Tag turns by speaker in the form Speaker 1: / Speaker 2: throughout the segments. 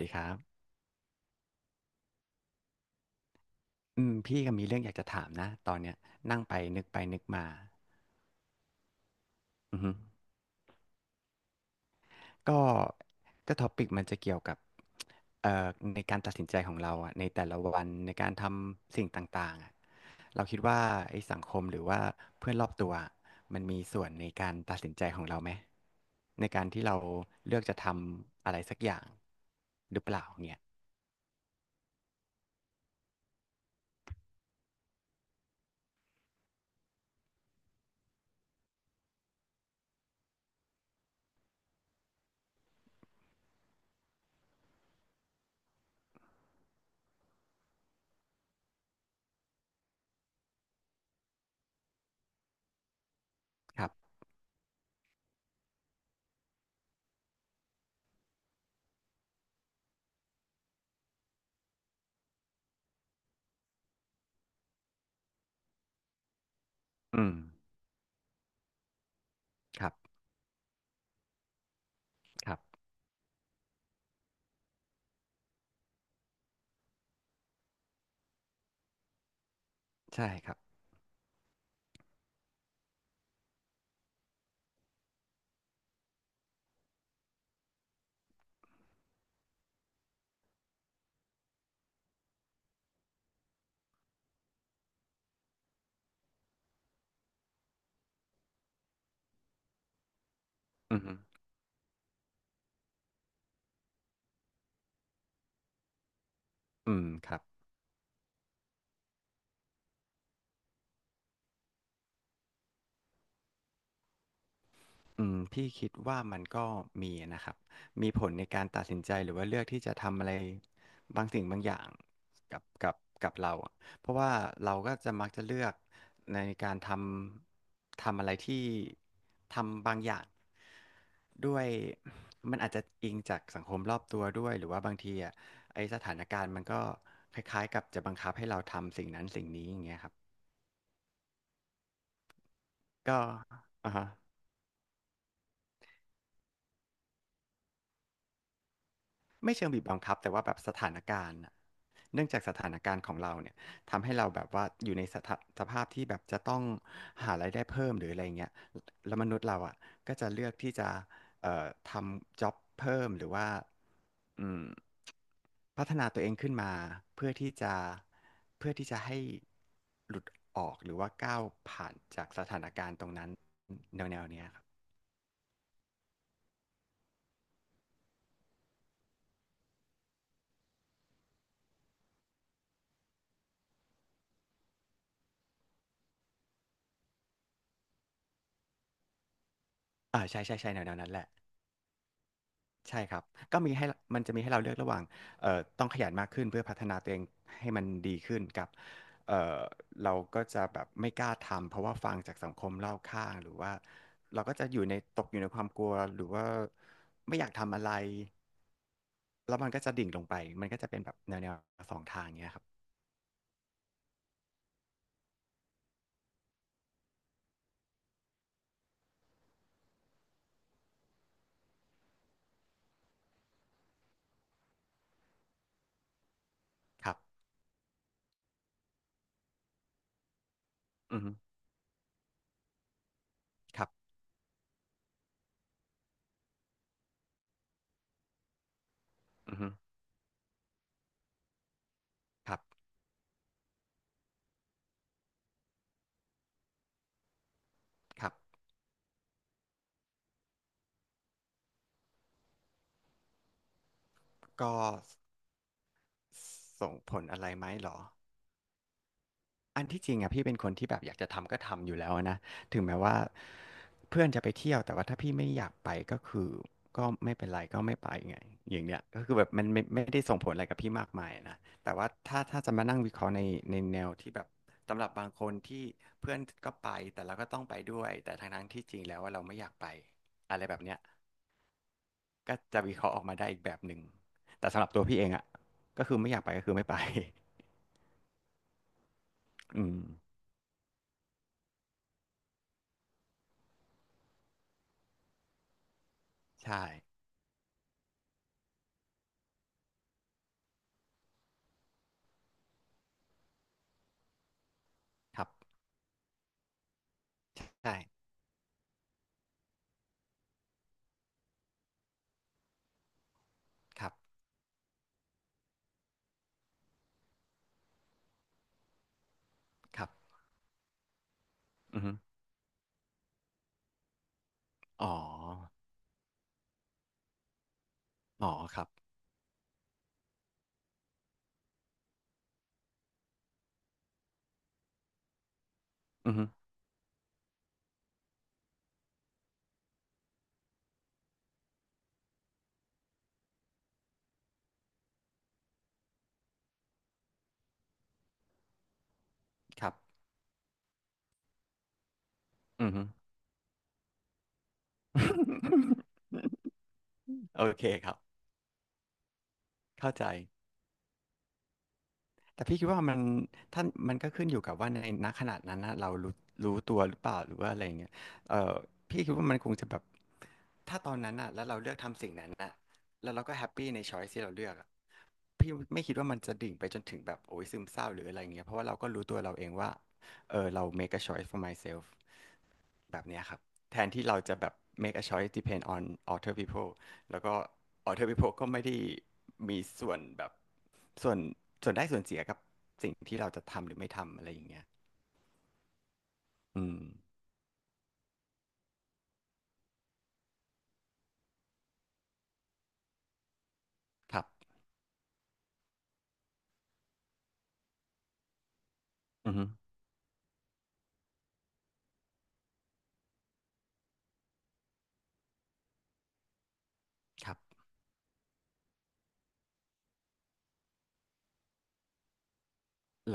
Speaker 1: ดีครับอืมพี่ก็มีเรื่องอยากจะถามนะตอนเนี้ยนั่งไปนึกไปนึกมาอือฮึก็ก็ท็อปิกมันจะเกี่ยวกับเอ่อในการตัดสินใจของเราอ่ะในแต่ละวันในการทำสิ่งต่างๆอ่ะเราคิดว่าไอ้สังคมหรือว่าเพื่อนรอบตัวอะมันมีส่วนในการตัดสินใจของเราไหมในการที่เราเลือกจะทำอะไรสักอย่างหรือเปล่าเนี่ยครับอืมครับครับใช่ครับอือฮึอืมครับ อืมพี่คิดว่ามันก็มีนะครับ มีผลในการตัดสินใจหรือว่าเลือกที่จะทำอะไรบางสิ่งบางอย่างกับกับเราอะเพราะว่าเราก็จะมักจะเลือกในการทำอะไรที่ทำบางอย่างด้วยมันอาจจะอิงจากสังคมรอบตัวด้วยหรือว่าบางทีอ่ะไอสถานการณ์มันก็คล้ายๆกับจะบังคับให้เราทำสิ่งนั้นสิ่งนี้อย่างเงี้ยครับก็อ่าฮะ ไม่เชิงบีบบังคับแต่ว่าแบบสถานการณ์น่ะเนื่องจากสถานการณ์ของเราเนี่ยทำให้เราแบบว่าอยู่ในสถาสภาพที่แบบจะต้องหารายได้เพิ่มหรืออะไรเงี้ยแล้วมนุษย์เราอ่ะก็จะเลือกที่จะทำจ็อบเพิ่มหรือว่าอืมพัฒนาตัวเองขึ้นมาเพื่อที่จะเพื่อที่จะให้หลุดออกหรือว่าก้าวผ่านจากสถานการณ์ตรงนั้นแนวเนี้ยครับอ่าใช่ใช่ใช่แนวนั้นแหละ ใช่ครับก็มีให้มันจะมีให้เราเลือกระหว่างต้องขยันมากขึ้นเพื่อพัฒนาตัวเองให้มันดีขึ้นกับเอ่อเราก็จะแบบไม่กล้าทำเพราะว่าฟังจากสังคมรอบข้างหรือว่าเราก็จะอยู่ในตกอยู่ในความกลัวหรือว่าไม่อยากทำอะไรแล้วมันก็จะดิ่งลงไปมันก็จะเป็นแบบแนวสองทางเนี้ยครับครับอือฮึครับอือฮึครับครับก็ส่งผลอะไรไหมเหรอ อันที่จริงอะพี่เป็นคนที่แบบอยากจะทำก็ทำอยู่แล้วนะถึงแม้ว่าเพื่อนจะไปเที่ยวแต่ว่าถ้าพี่ไม่อยากไปก็คือก็ไม่เป็นไรก็ไม่ไปไงอย่างเนี้ยก็คือแบบมันไม่ได้ส่งผลอะไรกับพี่มากมายนะแต่ว่าถ้าจะมานั่งวิเคราะห์ในแนวที่แบบสำหรับบางคนที่เพื่อนก็ไปแต่เราก็ต้องไปด้วยแต่ทั้งที่จริงแล้วว่าเราไม่อยากไปอะไรแบบเนี้ยก็จะวิเคราะห์ออกมาได้อีกแบบหนึ่งแต่สำหรับตัวพี่เองอะก็คือไม่อยากไปก็คือไม่ไป อืมใช่ครับใช่ครับ ครับอือฮึอ๋ออ๋อครับอือฮึครับอือฮึโอเคครับ เข้าใจแต่พี่คิดว่ามันท่านมันก็ขึ้นอยู่กับว่าในณขนาดนั้นนะเรารู้ตัวหรือเปล่าหรือว่าอะไรอย่างเงี้ยเออพี่คิดว่ามันคงจะแบบถ้าตอนนั้นน่ะแล้วเราเลือกทำสิ่งนั้นอ่ะแล้วเราก็แฮปปี้ในช้อยที่เราเลือกอะพี่ไม่คิดว่ามันจะดิ่งไปจนถึงแบบโอ้ยซึมเศร้าหรืออะไรอย่างเงี้ยเพราะว่าเราก็รู้ตัวเราเองว่าเออเรา make a choice for myself แบบเนี้ยครับแทนที่เราจะแบบ make a choice depend on other people แล้วก็ other people ก็ไม่ได้มีส่วนแบบส่วนส่วนได้ส่วนเสียกับสิ่งที่เราจะทำหรือไม่ทำอะไรอย่างเงี้ย อืม ครับอือฮึครับ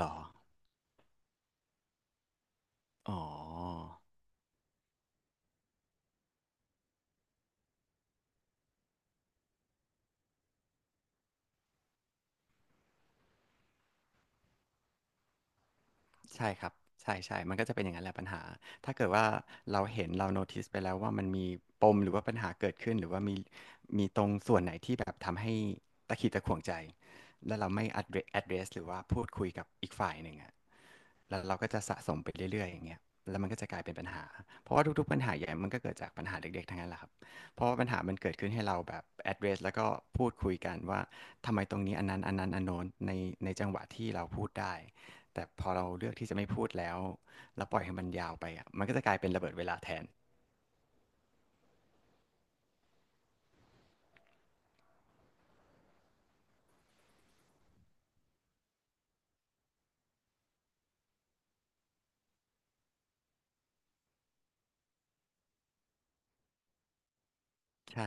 Speaker 1: หรออ๋อ ใช่ครับใช่ใช่มันก็จะเป็นอย่างนั้นแหละปัญหา ถ้าเกิดว่าเราเห็นเราโน้ติสไปแล้วว่ามันมีปมหรือว่าปัญหาเกิดขึ้นหรือว่ามีตรงส่วนไหนที่แบบทำให้ตะขิดตะขวงใจแล้วเราไม่ address หรือว่าพูดคุยกับอีกฝ่ายหนึ่งอะ แล้วเราก็จะสะสมไปเรื่อยๆอย่างเงี้ยแล้วมันก็จะกลายเป็นปัญหาเพราะว่าทุกๆปัญหาใหญ่มันก็เกิดจากปัญหาเด็กๆทั้งนั้นแหละครับเพราะว่าปัญหามันเกิดขึ้นให้เราแบบ address แล้วก็พูดคุยกันว่าทำไมตรงนี้อันนั้นอันโน้นในจังหวะที่เราพูดได้แต่พอเราเลือกที่จะไม่พูดแล้วแล้วปล่อยให้มันยาวไปอ่ะมันก็จะกลายเป็นระเบิดเวลาแทนใช่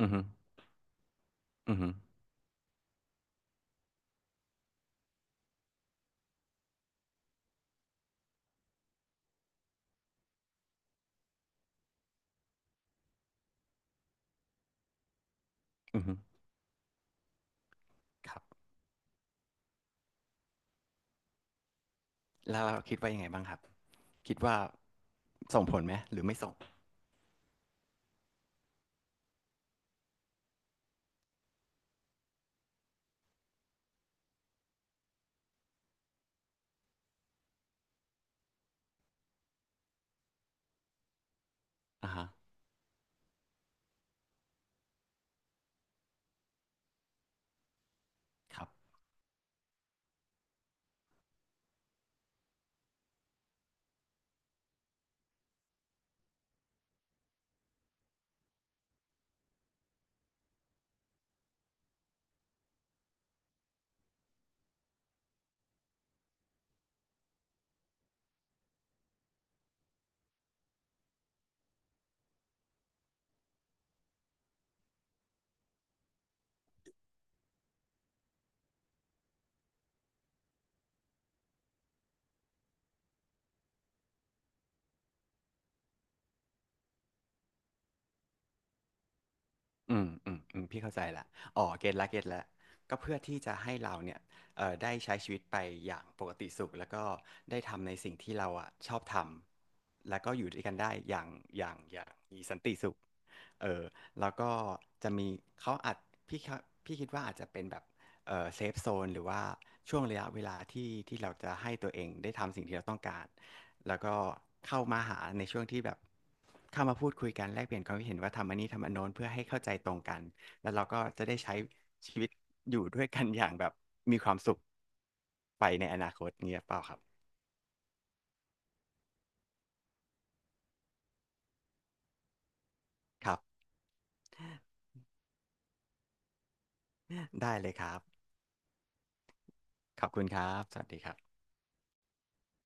Speaker 1: อือฮึอือฮึอือฮึครับแล้วเราคิดว่ายังไงบ้างครับคิดว่าส่งผลไหมหรือไม่ส่งอ่าฮะครับ อืมอืมอืมพี่เข้าใจละอ๋อเก็ตละเก็ตละก็เพื่อที่จะให้เราเนี่ยได้ใช้ชีวิตไปอย่างปกติสุขแล้วก็ได้ทำในสิ่งที่เราอ่ะชอบทำแล้วก็อยู่ด้วยกันได้อย่างอย่างมีสันติสุข เออแล้วก็จะมีเขาอาจพี่ครับพี่คิดว่าอาจจะเป็นแบบเออเซฟโซนหรือว่าช่วงระยะเวลาที่เราจะให้ตัวเองได้ทำสิ่งที่เราต้องการแล้วก็เข้ามาหาในช่วงที่แบบเข้ามาพูดคุยกันแลกเปลี่ยนความคิดเห็นว่าทำอันนี้ทำอันโน้นเพื่อให้เข้าใจตรงกันแล้วเราก็จะได้ใช้ชีวิตอยู่ด้วยกันอย่างแบบมีความสุขไปในอนาคตเงี้ยเปล่าครับครับได้เลยครับขอบคุณครับสวัสดีครับ